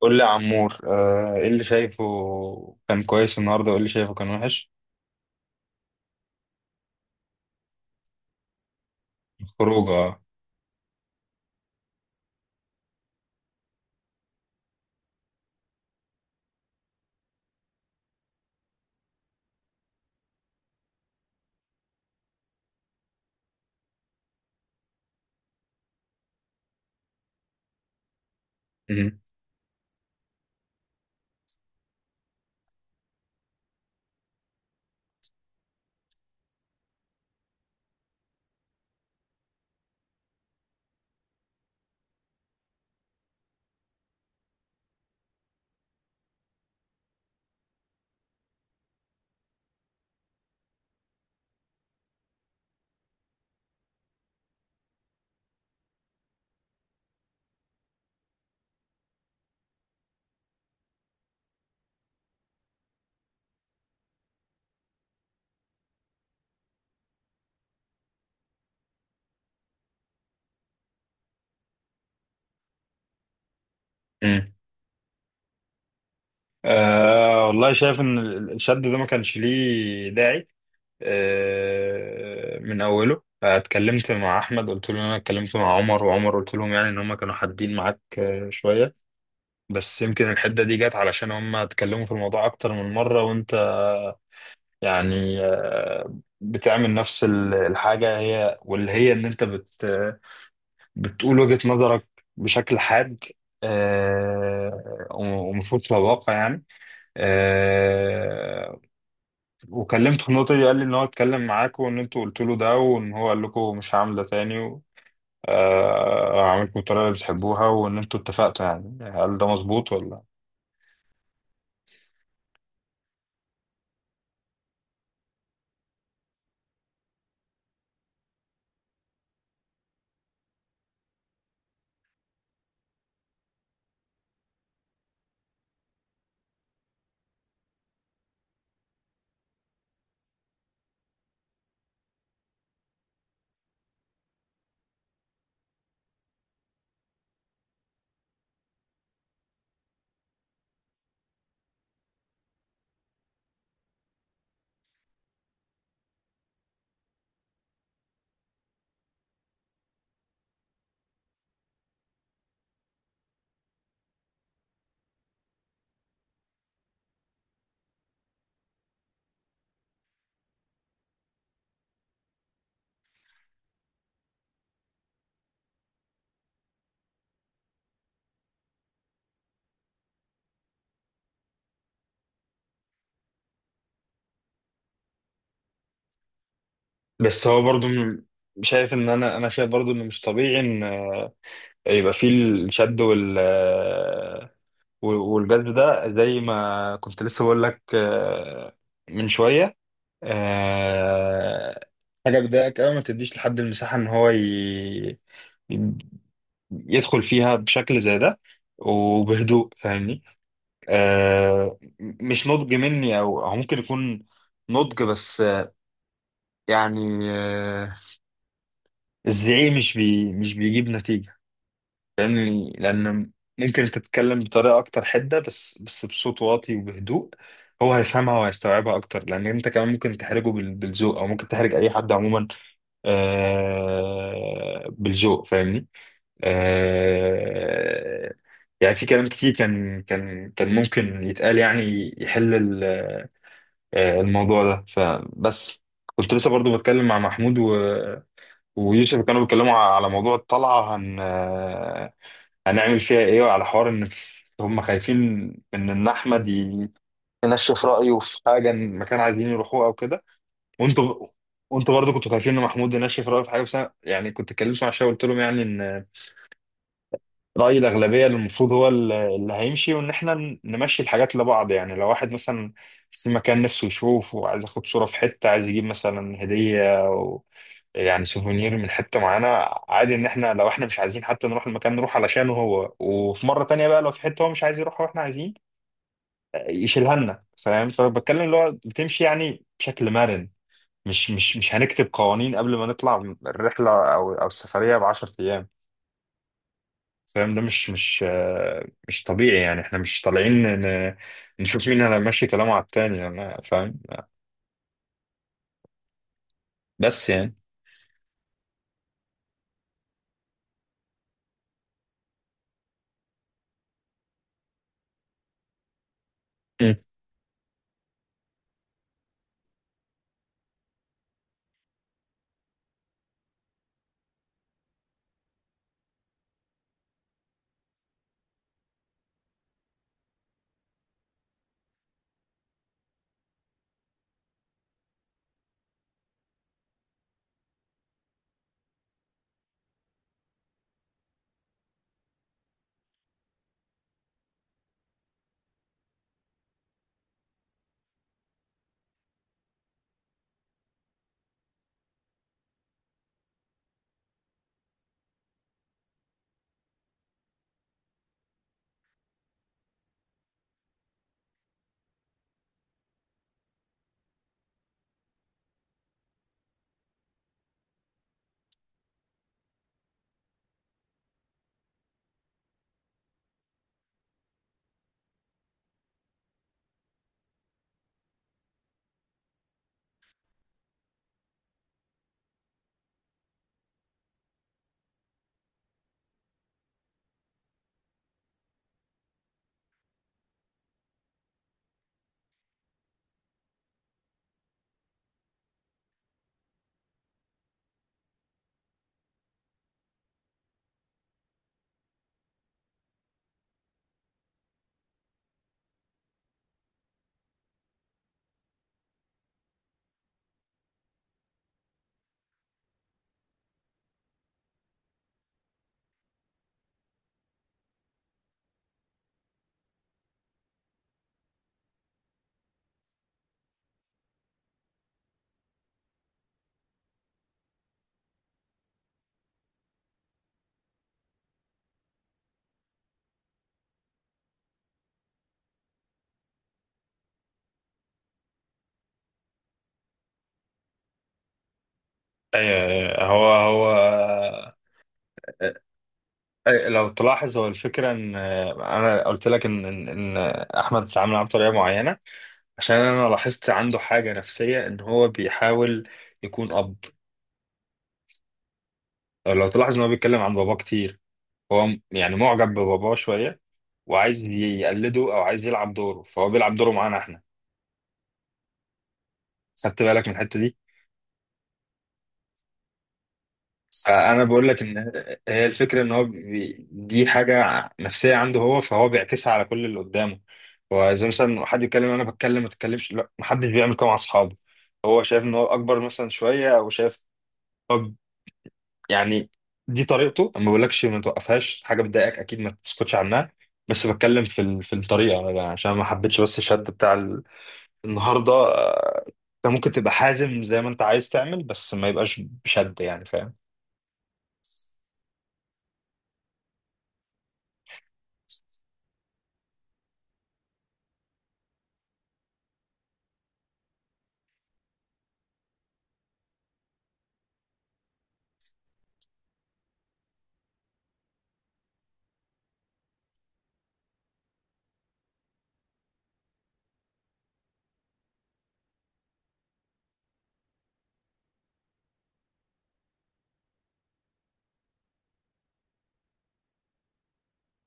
قول لي يا عمور، ايه اللي شايفه كان كويس النهارده وايه اللي شايفه كان وحش؟ الخروج اه. مم. مم. والله شايف ان الشد ده ما كانش ليه داعي. من اوله اتكلمت مع احمد، قلت له ان انا اتكلمت مع عمر، وعمر قلت لهم يعني ان هم كانوا حادين معاك شويه. بس يمكن الحده دي جت علشان هم اتكلموا في الموضوع اكتر من مره، وانت يعني آه، بتعمل نفس الحاجه، هي واللي هي ان انت بتقول وجهة نظرك بشكل حاد، ومفروض تبقى واقع يعني. آه، وكلمته في النقطة دي، قال لي إن هو اتكلم معاكم، وإن أنتوا قلتوا له ده، وإن هو قال لكم مش هعمل ده تاني هعملكم بالطريقة اللي بتحبوها، وإن أنتوا اتفقتوا، يعني هل ده مظبوط ولا؟ بس هو برضو شايف إن أنا شايف برضو إنه مش طبيعي إن يبقى فيه الشد والجذب ده، زي ما كنت لسه بقول لك من شوية. آه، حاجة بتضايقك أوي ما تديش لحد المساحة إن هو يدخل فيها بشكل زي ده، وبهدوء فاهمني. مش نضج مني، أو ممكن يكون نضج، بس يعني الزعيق مش بيجيب نتيجة، لأن لأن ممكن تتكلم بطريقة أكتر حدة، بس بصوت واطي وبهدوء، هو هيفهمها وهيستوعبها أكتر، لأن أنت كمان ممكن تحرجه بالذوق، أو ممكن تحرج أي حد عموما بالذوق فاهمني. آه يعني في كلام كتير كان ممكن يتقال، يعني يحل الموضوع ده. فبس كنت لسه برضو بتكلم مع محمود ويوسف، كانوا بيتكلموا على موضوع الطلعة هنعمل فيها ايه، وعلى حوار ان هم خايفين من ان احمد ينشف رايه في حاجه، إن مكان عايزين يروحوه او كده. وانتوا وانتوا برضه كنتوا خايفين ان محمود ينشف رايه في حاجه، بس أنا يعني كنت اتكلمت مع شويه، قلت لهم يعني ان رأي الأغلبية اللي المفروض هو اللي هيمشي، وإن إحنا نمشي الحاجات لبعض، يعني لو واحد مثلا في مكان نفسه يشوف وعايز ياخد صورة في حتة، عايز يجيب مثلا هدية أو يعني سوفونير من حتة معينة، عادي إن إحنا لو إحنا مش عايزين حتى نروح المكان، نروح علشانه هو، وفي مرة تانية بقى لو في حتة هو مش عايز يروحها وإحنا عايزين يشيلها لنا، فاهم؟ فبتكلم اللي هو بتمشي يعني بشكل مرن. مش هنكتب قوانين قبل ما نطلع الرحلة أو السفرية ب10 أيام، فاهم؟ ده مش طبيعي، يعني احنا مش طالعين ن- نشوف مين اللي ماشي كلامه على التاني، انا فاهم، بس يعني. مم. آه، هو هو آه، آه، لو تلاحظ، هو الفكرة ان انا قلت لك ان ان إن احمد اتعامل معاه بطريقة معينة، عشان انا لاحظت عنده حاجة نفسية ان هو بيحاول يكون اب. لو تلاحظ ان هو بيتكلم عن باباه كتير، هو يعني معجب بباباه شوية، وعايز يقلده او عايز يلعب دوره، فهو بيلعب دوره معانا احنا، خدت بالك من الحتة دي؟ فانا بقول لك ان هي الفكره ان هو دي حاجه نفسيه عنده هو، فهو بيعكسها على كل اللي قدامه. هو زي مثلا حد يتكلم، انا بتكلم ما تتكلمش، لا محدش بيعمل كده مع اصحابه، هو شايف ان هو اكبر مثلا شويه، او شايف طب، يعني دي طريقته. أنا ما بقولكش ما توقفهاش، حاجه بتضايقك اكيد ما تسكتش عنها، بس بتكلم في في الطريقه، أنا عشان ما حبيتش بس الشد بتاع النهارده. انت ممكن تبقى حازم زي ما انت عايز تعمل، بس ما يبقاش بشد يعني فاهم؟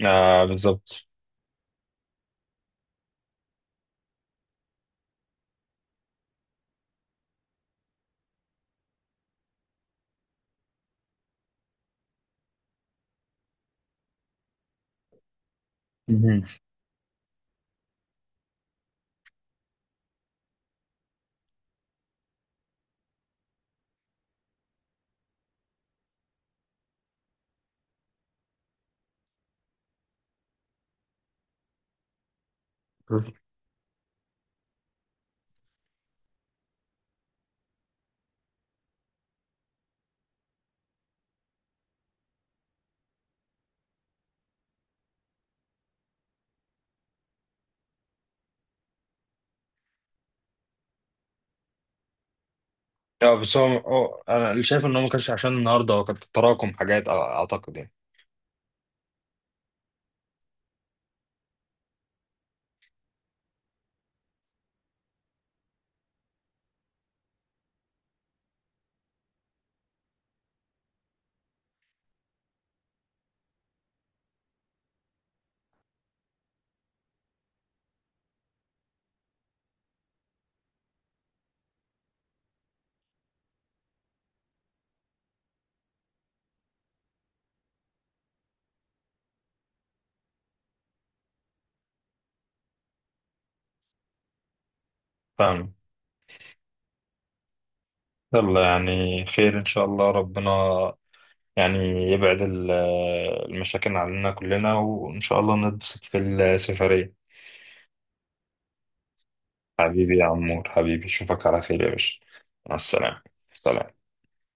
آه بالظبط. اه، بس هو انا اللي شايف ان هو ما كانش عشان النهارده، هو كان تراكم حاجات اعتقد يعني فاهم؟ يلا يعني خير ان شاء الله، ربنا يعني يبعد المشاكل عننا كلنا، وان شاء الله نتبسط في السفرية. حبيبي يا عمور، حبيبي اشوفك على خير يا باشا، مع السلامة، سلام.